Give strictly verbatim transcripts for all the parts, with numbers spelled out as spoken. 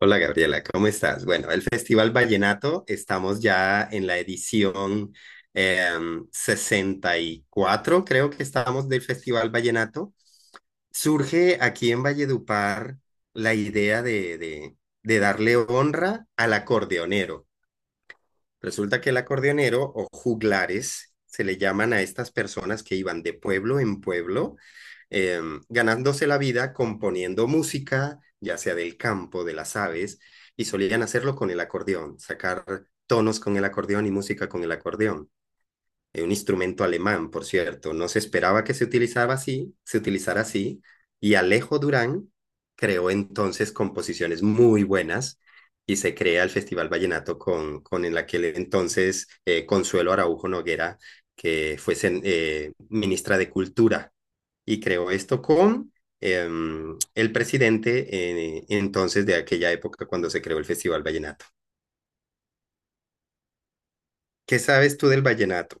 Hola Gabriela, ¿cómo estás? Bueno, el Festival Vallenato, estamos ya en la edición em, sesenta y cuatro, creo que estamos del Festival Vallenato. Surge aquí en Valledupar la idea de, de, de darle honra al acordeonero. Resulta que el acordeonero o juglares se le llaman a estas personas que iban de pueblo en pueblo, eh, ganándose la vida componiendo música, ya sea del campo, de las aves, y solían hacerlo con el acordeón, sacar tonos con el acordeón y música con el acordeón, eh, un instrumento alemán, por cierto. No se esperaba que se utilizara así, se utilizara así, y Alejo Durán creó entonces composiciones muy buenas y se crea el Festival Vallenato con, con en aquel entonces, eh, Consuelo Araujo Noguera, que fue eh, ministra de Cultura, y creó esto con eh, el presidente eh, entonces de aquella época cuando se creó el Festival Vallenato. ¿Qué sabes tú del vallenato?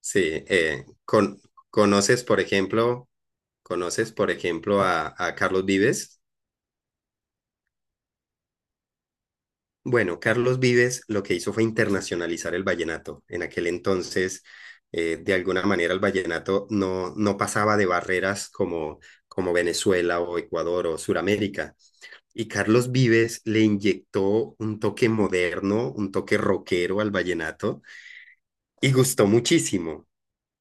Sí, eh, con, ¿conoces, por ejemplo, ¿conoces, por ejemplo, a, a Carlos Vives? Bueno, Carlos Vives lo que hizo fue internacionalizar el vallenato. En aquel entonces, eh, de alguna manera, el vallenato no, no pasaba de barreras como, como Venezuela o Ecuador o Suramérica. Y Carlos Vives le inyectó un toque moderno, un toque rockero al vallenato y gustó muchísimo.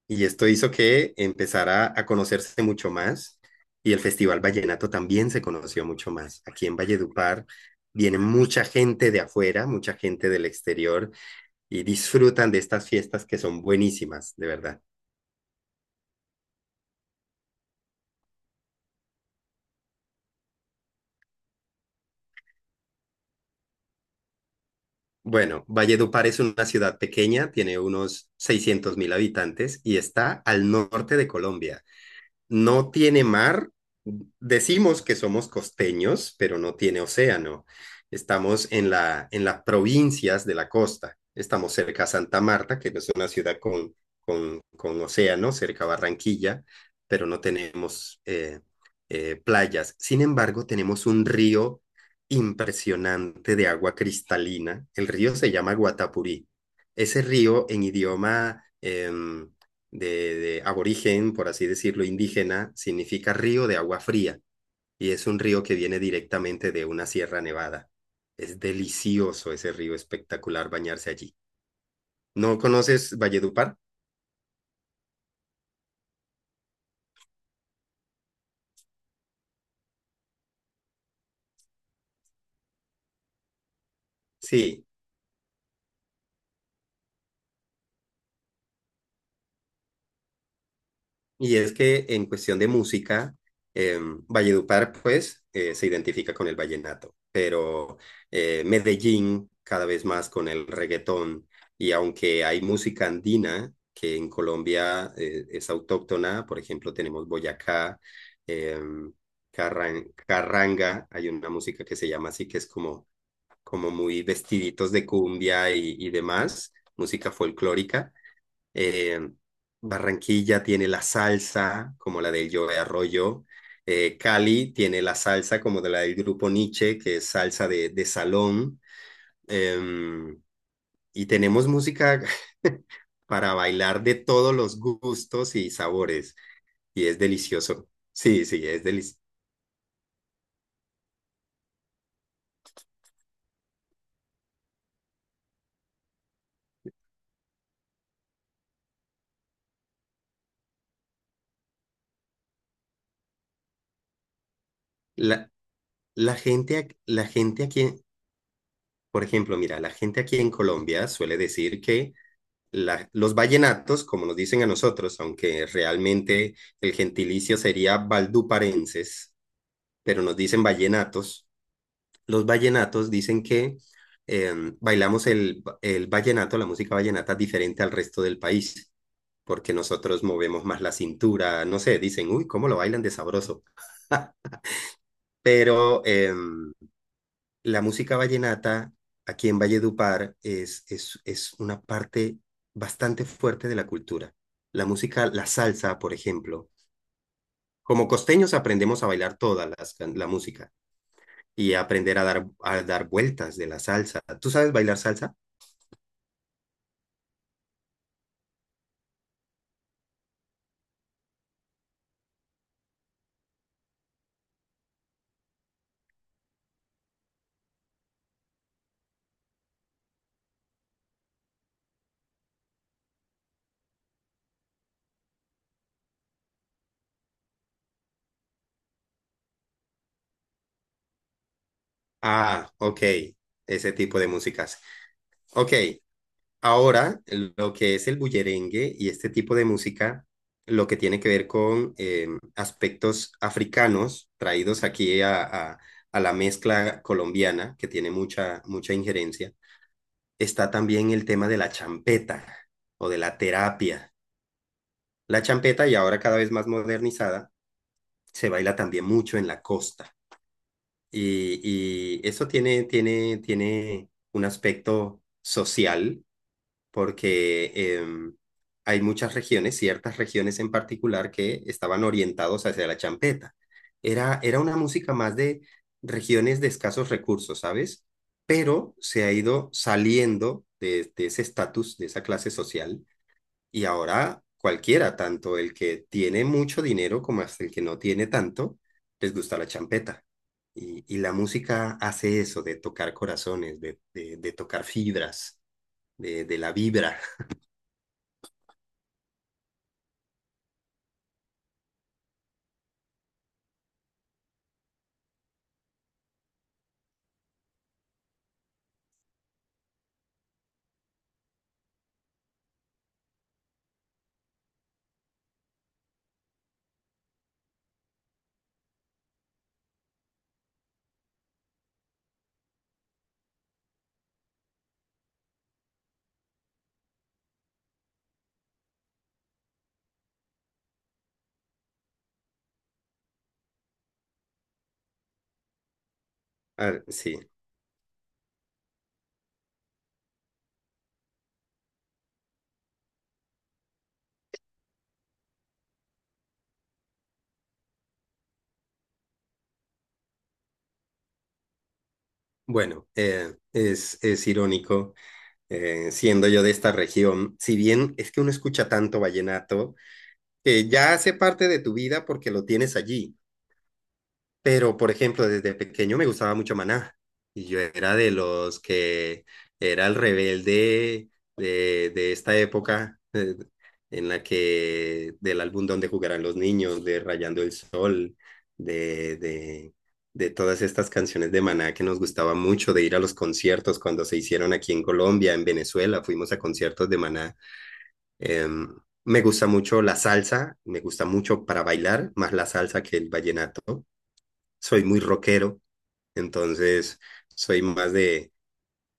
Y esto hizo que empezara a conocerse mucho más y el Festival Vallenato también se conoció mucho más. Aquí en Valledupar viene mucha gente de afuera, mucha gente del exterior y disfrutan de estas fiestas que son buenísimas, de verdad. Bueno, Valledupar es una ciudad pequeña, tiene unos seiscientos mil habitantes y está al norte de Colombia. No tiene mar. Decimos que somos costeños, pero no tiene océano. Estamos en la, en las provincias de la costa. Estamos cerca a Santa Marta, que es una ciudad con, con, con océano, cerca a Barranquilla, pero no tenemos eh, eh, playas. Sin embargo, tenemos un río impresionante de agua cristalina. El río se llama Guatapurí. Ese río en idioma... em, de, de aborigen, por así decirlo, indígena, significa río de agua fría y es un río que viene directamente de una sierra nevada. Es delicioso ese río, espectacular bañarse allí. ¿No conoces Valledupar? Sí. Y es que en cuestión de música, eh, Valledupar, pues, eh, se identifica con el vallenato, pero eh, Medellín cada vez más con el reggaetón. Y aunque hay música andina que en Colombia eh, es autóctona, por ejemplo, tenemos Boyacá, eh, Carran- Carranga, hay una música que se llama así, que es como, como muy vestiditos de cumbia y, y demás, música folclórica. eh, Barranquilla tiene la salsa, como la del Joe Arroyo. Eh, Cali tiene la salsa, como de la del grupo Nietzsche, que es salsa de, de salón. Em, y tenemos música para bailar de todos los gustos y sabores. Y es delicioso. Sí, sí, es delicioso. La, la gente, ac- la gente aquí, por ejemplo, mira, la gente aquí en Colombia suele decir que la- los vallenatos, como nos dicen a nosotros, aunque realmente el gentilicio sería valduparenses, pero nos dicen vallenatos, los vallenatos dicen que eh, bailamos el, el vallenato, la música vallenata, diferente al resto del país, porque nosotros movemos más la cintura, no sé, dicen, uy, ¿cómo lo bailan de sabroso? Pero... em, la música vallenata aquí en Valledupar es, es, es una parte bastante fuerte de la cultura. La música, la salsa, por ejemplo. Como costeños aprendemos a bailar toda las can- la música y aprender a dar, a dar vueltas de la salsa. ¿Tú sabes bailar salsa? Ah, ok. Ese tipo de músicas. Ok, ahora, lo que es el bullerengue y este tipo de música, lo que tiene que ver con eh, aspectos africanos traídos aquí a, a- a la mezcla colombiana, que tiene mucha, mucha injerencia, está también el tema de la champeta o de la terapia. La champeta, y ahora cada vez más modernizada, se baila también mucho en la costa. Y, y eso tiene, tiene, tiene un aspecto social porque em, hay muchas regiones, ciertas regiones en particular, que estaban orientados hacia la champeta. Era, era una música más de regiones de escasos recursos, ¿sabes? Pero se ha ido saliendo de, de ese estatus, de esa clase social, y ahora cualquiera, tanto el que tiene mucho dinero como hasta el que no tiene tanto, les gusta la champeta. Y, y la música hace eso, de tocar corazones, de, de, de tocar fibras, de, de la vibra. Ah, sí, bueno, eh, es, es irónico, eh, siendo yo de esta región, si bien es que uno escucha tanto vallenato, que ya hace parte de tu vida porque lo tienes allí. Pero, por ejemplo, desde pequeño me gustaba mucho Maná. Y yo era de los que era el rebelde de, de esta época, eh, en la que del álbum donde jugarán los Niños, de Rayando el Sol, de, de, de todas estas canciones de Maná que nos gustaba mucho, de ir a los conciertos cuando se hicieron aquí en Colombia, en Venezuela, fuimos a conciertos de Maná. Em, me gusta mucho la salsa, me gusta mucho para bailar, más la salsa que el vallenato. Soy muy rockero, entonces soy más de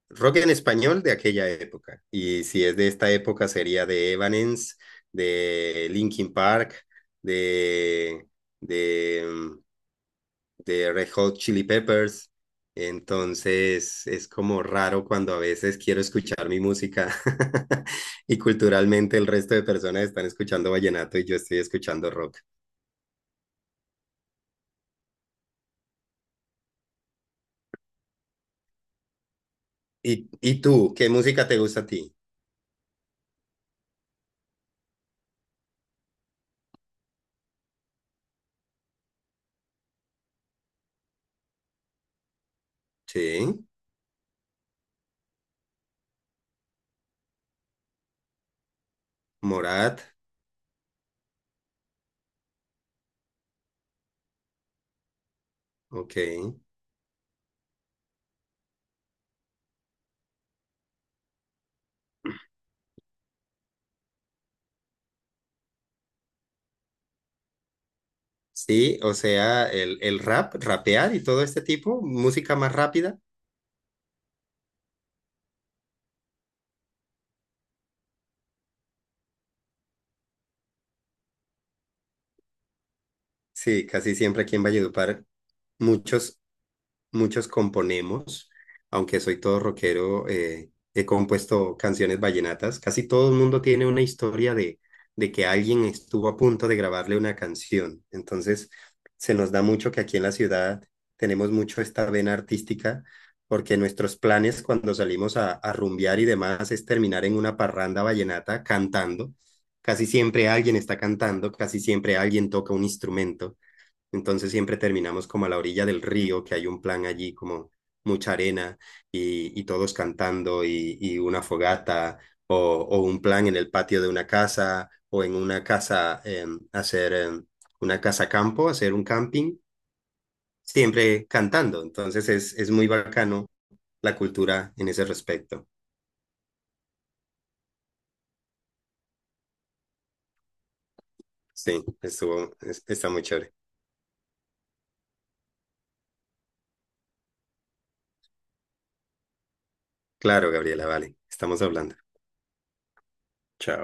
rock en español de aquella época. Y si es de esta época sería de Evanescence, de Linkin Park, de, de, mm, de Red Hot Chili Peppers. Entonces es como raro cuando a veces quiero escuchar mi música y culturalmente el resto de personas están escuchando vallenato y yo estoy escuchando rock. ¿Y, y tú, qué música te gusta a ti? Sí, Morat, ok. Sí, o sea, el, el rap, rapear y todo este tipo, música más rápida. Sí, casi siempre aquí en Valledupar, muchos muchos componemos, aunque soy todo rockero, eh, he compuesto canciones vallenatas. Casi todo el mundo tiene una historia de, de que alguien estuvo a punto de grabarle una canción. Entonces, se nos da mucho que aquí en la ciudad tenemos mucho esta vena artística, porque nuestros planes cuando salimos a, a rumbear y demás es terminar en una parranda vallenata cantando. Casi siempre alguien está cantando, casi siempre alguien toca un instrumento. Entonces siempre terminamos como a la orilla del río, que hay un plan allí como mucha arena y, y todos cantando y, y una fogata o, o un plan en el patio de una casa o en una casa, eh, hacer eh, una casa campo, hacer un camping, siempre cantando. Entonces es, es muy bacano la cultura en ese respecto. Sí, estuvo, es- está muy chévere. Claro, Gabriela, vale, estamos hablando. Chao.